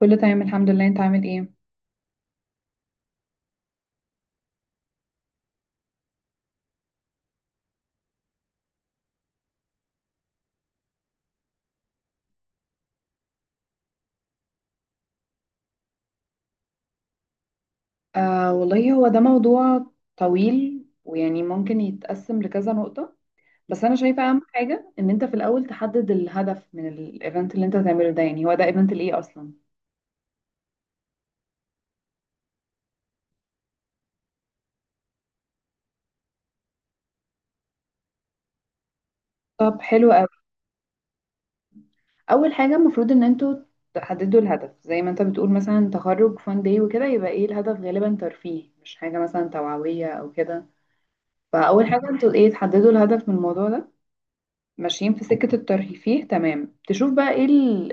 كله تمام الحمد لله. انت عامل ايه؟ آه والله، هو ده موضوع طويل ويعني ممكن يتقسم لكذا نقطة. بس انا شايفة اهم حاجة ان انت في الاول تحدد الهدف من الايفنت اللي انت هتعمله ده، يعني هو ده ايفنت لايه اصلا؟ طب حلو قوي. اول حاجة المفروض ان انتوا تحددوا الهدف زي ما انت بتقول، مثلا تخرج فان داي وكده، يبقى ايه الهدف؟ غالبا ترفيه، مش حاجة مثلا توعوية او كده. فاول حاجة انتوا ايه، تحددوا الهدف من الموضوع ده. ماشيين في سكة الترفيه، فيه، تمام، تشوف بقى ايه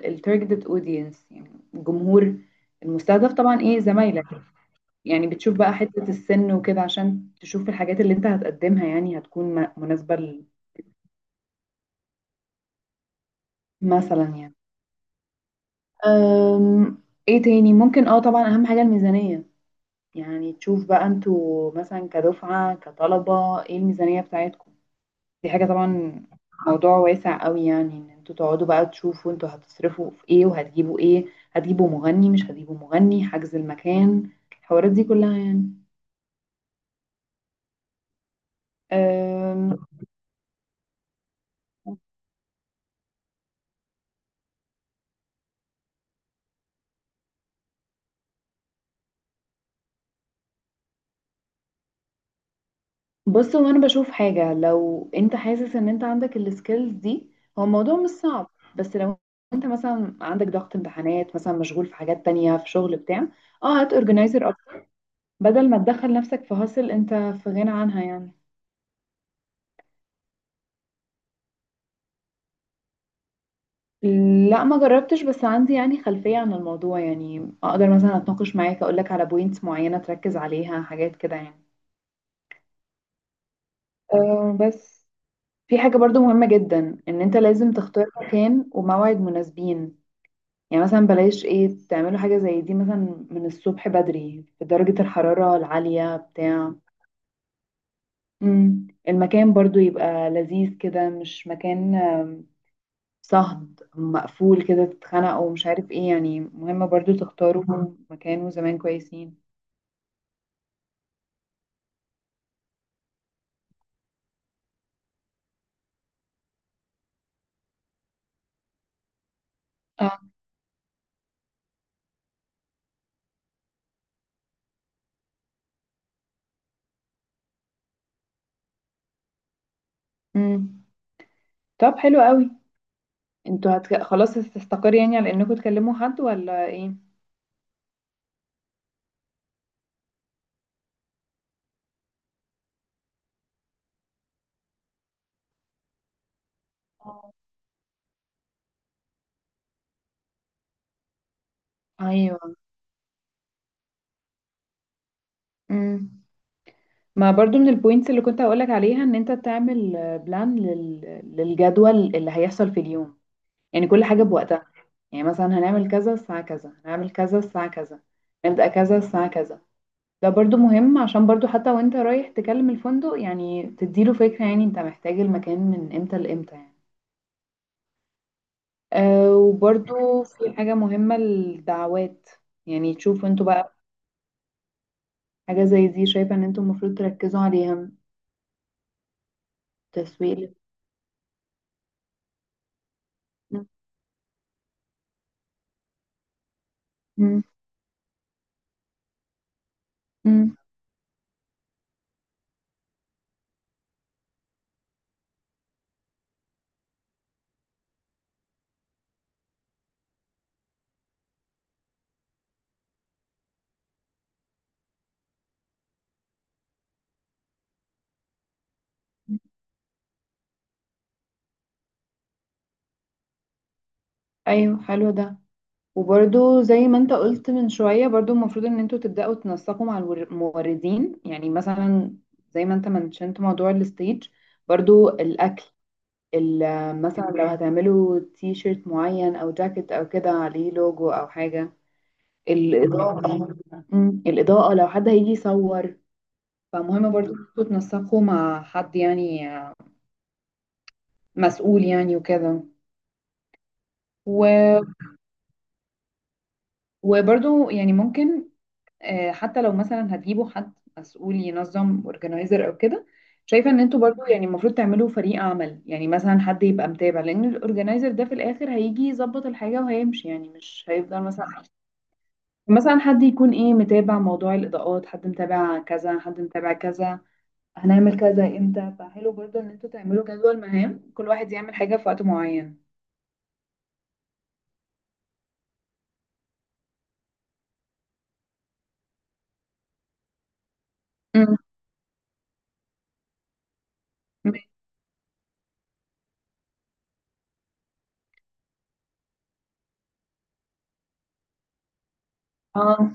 التارجتد اودينس، يعني الجمهور المستهدف، طبعا ايه، زمايلك. يعني بتشوف بقى حتة السن وكده عشان تشوف الحاجات اللي انت هتقدمها يعني هتكون مناسبة مثلا، يعني. أم، ايه تاني ممكن، طبعا اهم حاجة الميزانية. يعني تشوف بقى انتوا مثلا كدفعة كطلبة ايه الميزانية بتاعتكم. دي حاجة طبعا موضوع واسع قوي، يعني ان انتوا تقعدوا بقى تشوفوا انتوا هتصرفوا في ايه وهتجيبوا ايه. هتجيبوا مغني، مش هتجيبوا مغني، حجز المكان، الحوارات دي كلها يعني. أم، بص، هو انا بشوف حاجة، لو انت حاسس ان انت عندك السكيلز دي هو الموضوع مش صعب. بس لو انت مثلا عندك ضغط امتحانات، مثلا مشغول في حاجات تانية، في شغل بتاع، اه هات اورجنايزر اكتر، بدل ما تدخل نفسك في هاسل انت في غنى عنها يعني. لا، ما جربتش، بس عندي يعني خلفية عن الموضوع، يعني اقدر مثلا اتناقش معاك اقولك على بوينتس معينة تركز عليها، حاجات كده يعني. أه. بس في حاجة برضو مهمة جدا، ان انت لازم تختار مكان وموعد مناسبين. يعني مثلا بلاش ايه، تعملوا حاجة زي دي مثلا من الصبح بدري في درجة الحرارة العالية بتاع. المكان برضو يبقى لذيذ كده، مش مكان صهد مقفول كده تتخنقوا ومش عارف ايه، يعني مهم برضو تختاروا مكان وزمان كويسين. اه. امم. طب حلو قوي. انتوا خلاص هتستقر يعني على انكم تكلموا حد ولا ايه؟ ايوه. امم. ما برضو من البوينتس اللي كنت هقولك عليها ان انت تعمل بلان للجدول اللي هيحصل في اليوم، يعني كل حاجة بوقتها. يعني مثلا هنعمل كذا الساعة كذا، هنعمل كذا الساعة كذا، نبدأ كذا الساعة كذا. ده برضو مهم، عشان برضو حتى وانت رايح تكلم الفندق، يعني تديله فكرة، يعني انت محتاج المكان من امتى لامتى يعني. أه، وبرضو في حاجة مهمة، الدعوات. يعني تشوفوا انتوا بقى، حاجة زي دي شايفة ان انتوا المفروض تركزوا عليها، تسويق. م- م- م. ايوه، حلو ده. وبرضو زي ما انت قلت من شوية، برضو المفروض ان انتوا تبدأوا تنسقوا مع الموردين، يعني مثلا زي ما انت منشنت موضوع الستيج، برضو الأكل، مثلا لو هتعملوا تي شيرت معين او جاكيت او كده عليه لوجو او حاجة، الإضاءة. الإضاءة لو حد هيجي يصور فمهم برضو انتوا تنسقوا مع حد يعني مسؤول يعني وكده. و- وبرضو يعني ممكن، حتى لو مثلا هتجيبوا حد مسؤول ينظم، اورجنايزر او كده، شايفة ان انتوا برضو يعني المفروض تعملوا فريق عمل، يعني مثلا حد يبقى متابع، لان الاورجنايزر ده في الاخر هيجي يظبط الحاجة وهيمشي يعني، مش هيفضل مثلا. مثلا حد يكون ايه، متابع موضوع الاضاءات، حد متابع كذا، حد متابع كذا، هنعمل كذا امتى، فحلو برضه ان انتوا تعملوا جدول مهام، كل واحد يعمل حاجة في وقت معين. امم. اه،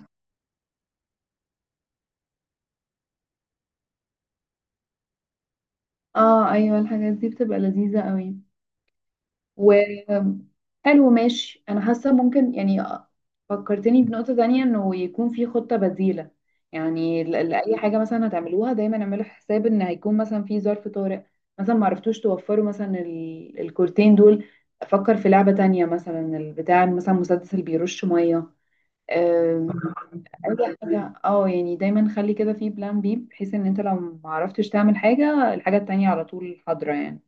اه. ايوه، الحاجات دي بتبقى لذيذة قوي. وقالوا ماشي، انا حاسه ممكن يعني، فكرتني بنقطه تانية، انه يكون في خطه بديله. يعني لاي حاجه مثلا هتعملوها دايما اعملوا حساب ان هيكون مثلا في ظرف طارئ. مثلا ما عرفتوش توفروا مثلا الكورتين دول، افكر في لعبه تانية، مثلا البتاع، مثلا مسدس اللي بيرش ميه. اي. حاجه اه، يعني دايما خلي كده في بلان بي، بحيث ان انت لو ما عرفتش تعمل حاجه، الحاجه التانية على طول حاضره يعني.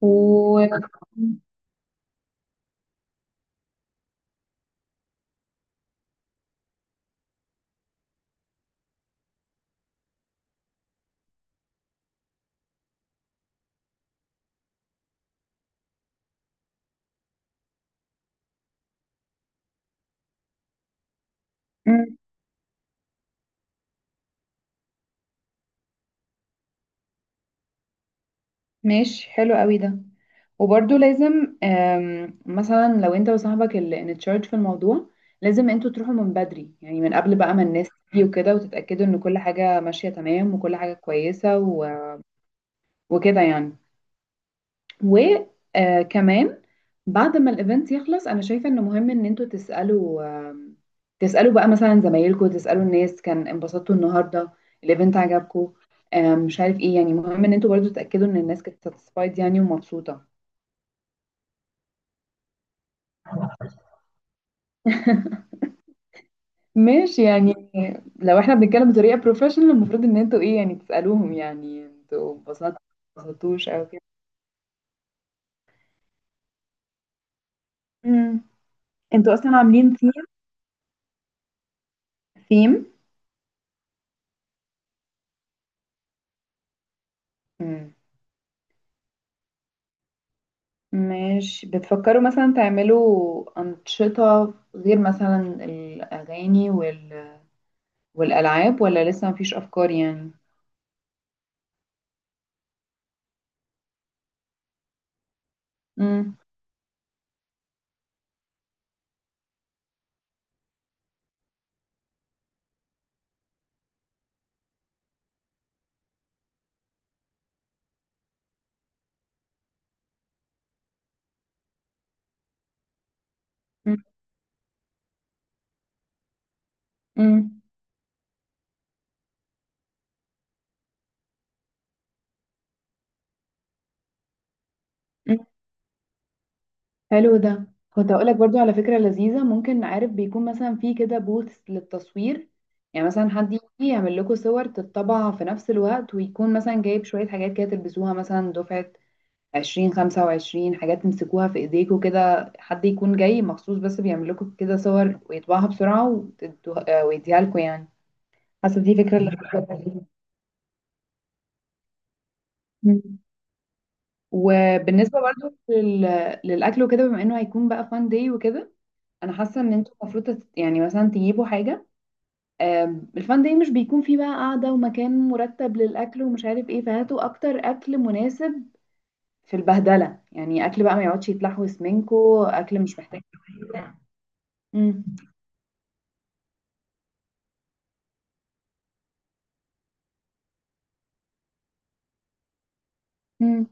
و ماشي، حلو قوي ده. وبرضو لازم، مثلا لو انت وصاحبك اللي انتشارج في الموضوع، لازم انتوا تروحوا من بدري، يعني من قبل بقى ما الناس تيجي وكده، وتتأكدوا ان كل حاجة ماشية تمام وكل حاجة كويسة، وكده يعني. وكمان بعد ما الايفنت يخلص، انا شايفة انه مهم ان انتوا تسألوا، آم، تسألوا بقى مثلا زمايلكم، تسألوا الناس، كان انبسطتوا النهاردة؟ الايفنت عجبكم؟ مش عارف ايه، يعني مهم ان انتوا برضو تتأكدوا ان الناس كانت ساتسفايد يعني ومبسوطة. ماشي يعني، لو احنا بنتكلم بطريقة بروفيشنال، المفروض ان انتوا ايه، يعني تسألوهم، يعني انتوا انبسطتوا انبسطتوش او كده. امم. انتوا اصلا عاملين ثيم؟ ثيم. امم. ماشي، بتفكروا مثلا تعملوا أنشطة غير مثلا الأغاني والألعاب، ولا لسه مفيش أفكار يعني. امم. حلو ده. كنت هقولك برضو على فكرة لذيذة ممكن، عارف بيكون مثلا في كده بوث للتصوير. يعني مثلا حد يجي يعمل لكم صور تتطبع في نفس الوقت، ويكون مثلا جايب شوية حاجات كده تلبسوها، مثلا دفعة 20 25 حاجات تمسكوها في ايديكوا كده، حد يكون جاي مخصوص بس بيعمل لكم كده صور ويطبعها بسرعة ويديها لكم يعني. حاسة دي فكرة اللي، مم. وبالنسبة برضو للأكل وكده، بما انه هيكون بقى فان داي وكده، انا حاسه ان انتوا المفروض يعني مثلا تجيبوا حاجه، الفان داي مش بيكون فيه بقى قاعده ومكان مرتب للاكل ومش عارف ايه، فهاتوا اكتر اكل مناسب في البهدله، يعني اكل بقى ما يقعدش يتلحوس منكو، اكل مش محتاج. امم. امم.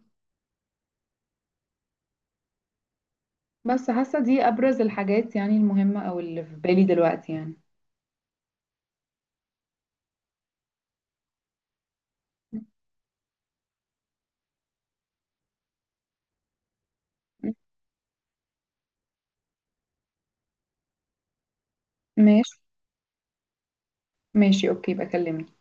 بس حاسه دي ابرز الحاجات يعني المهمه او اللي في بالي دلوقتي يعني. مم. ماشي، ماشي، اوكي، بكلمك.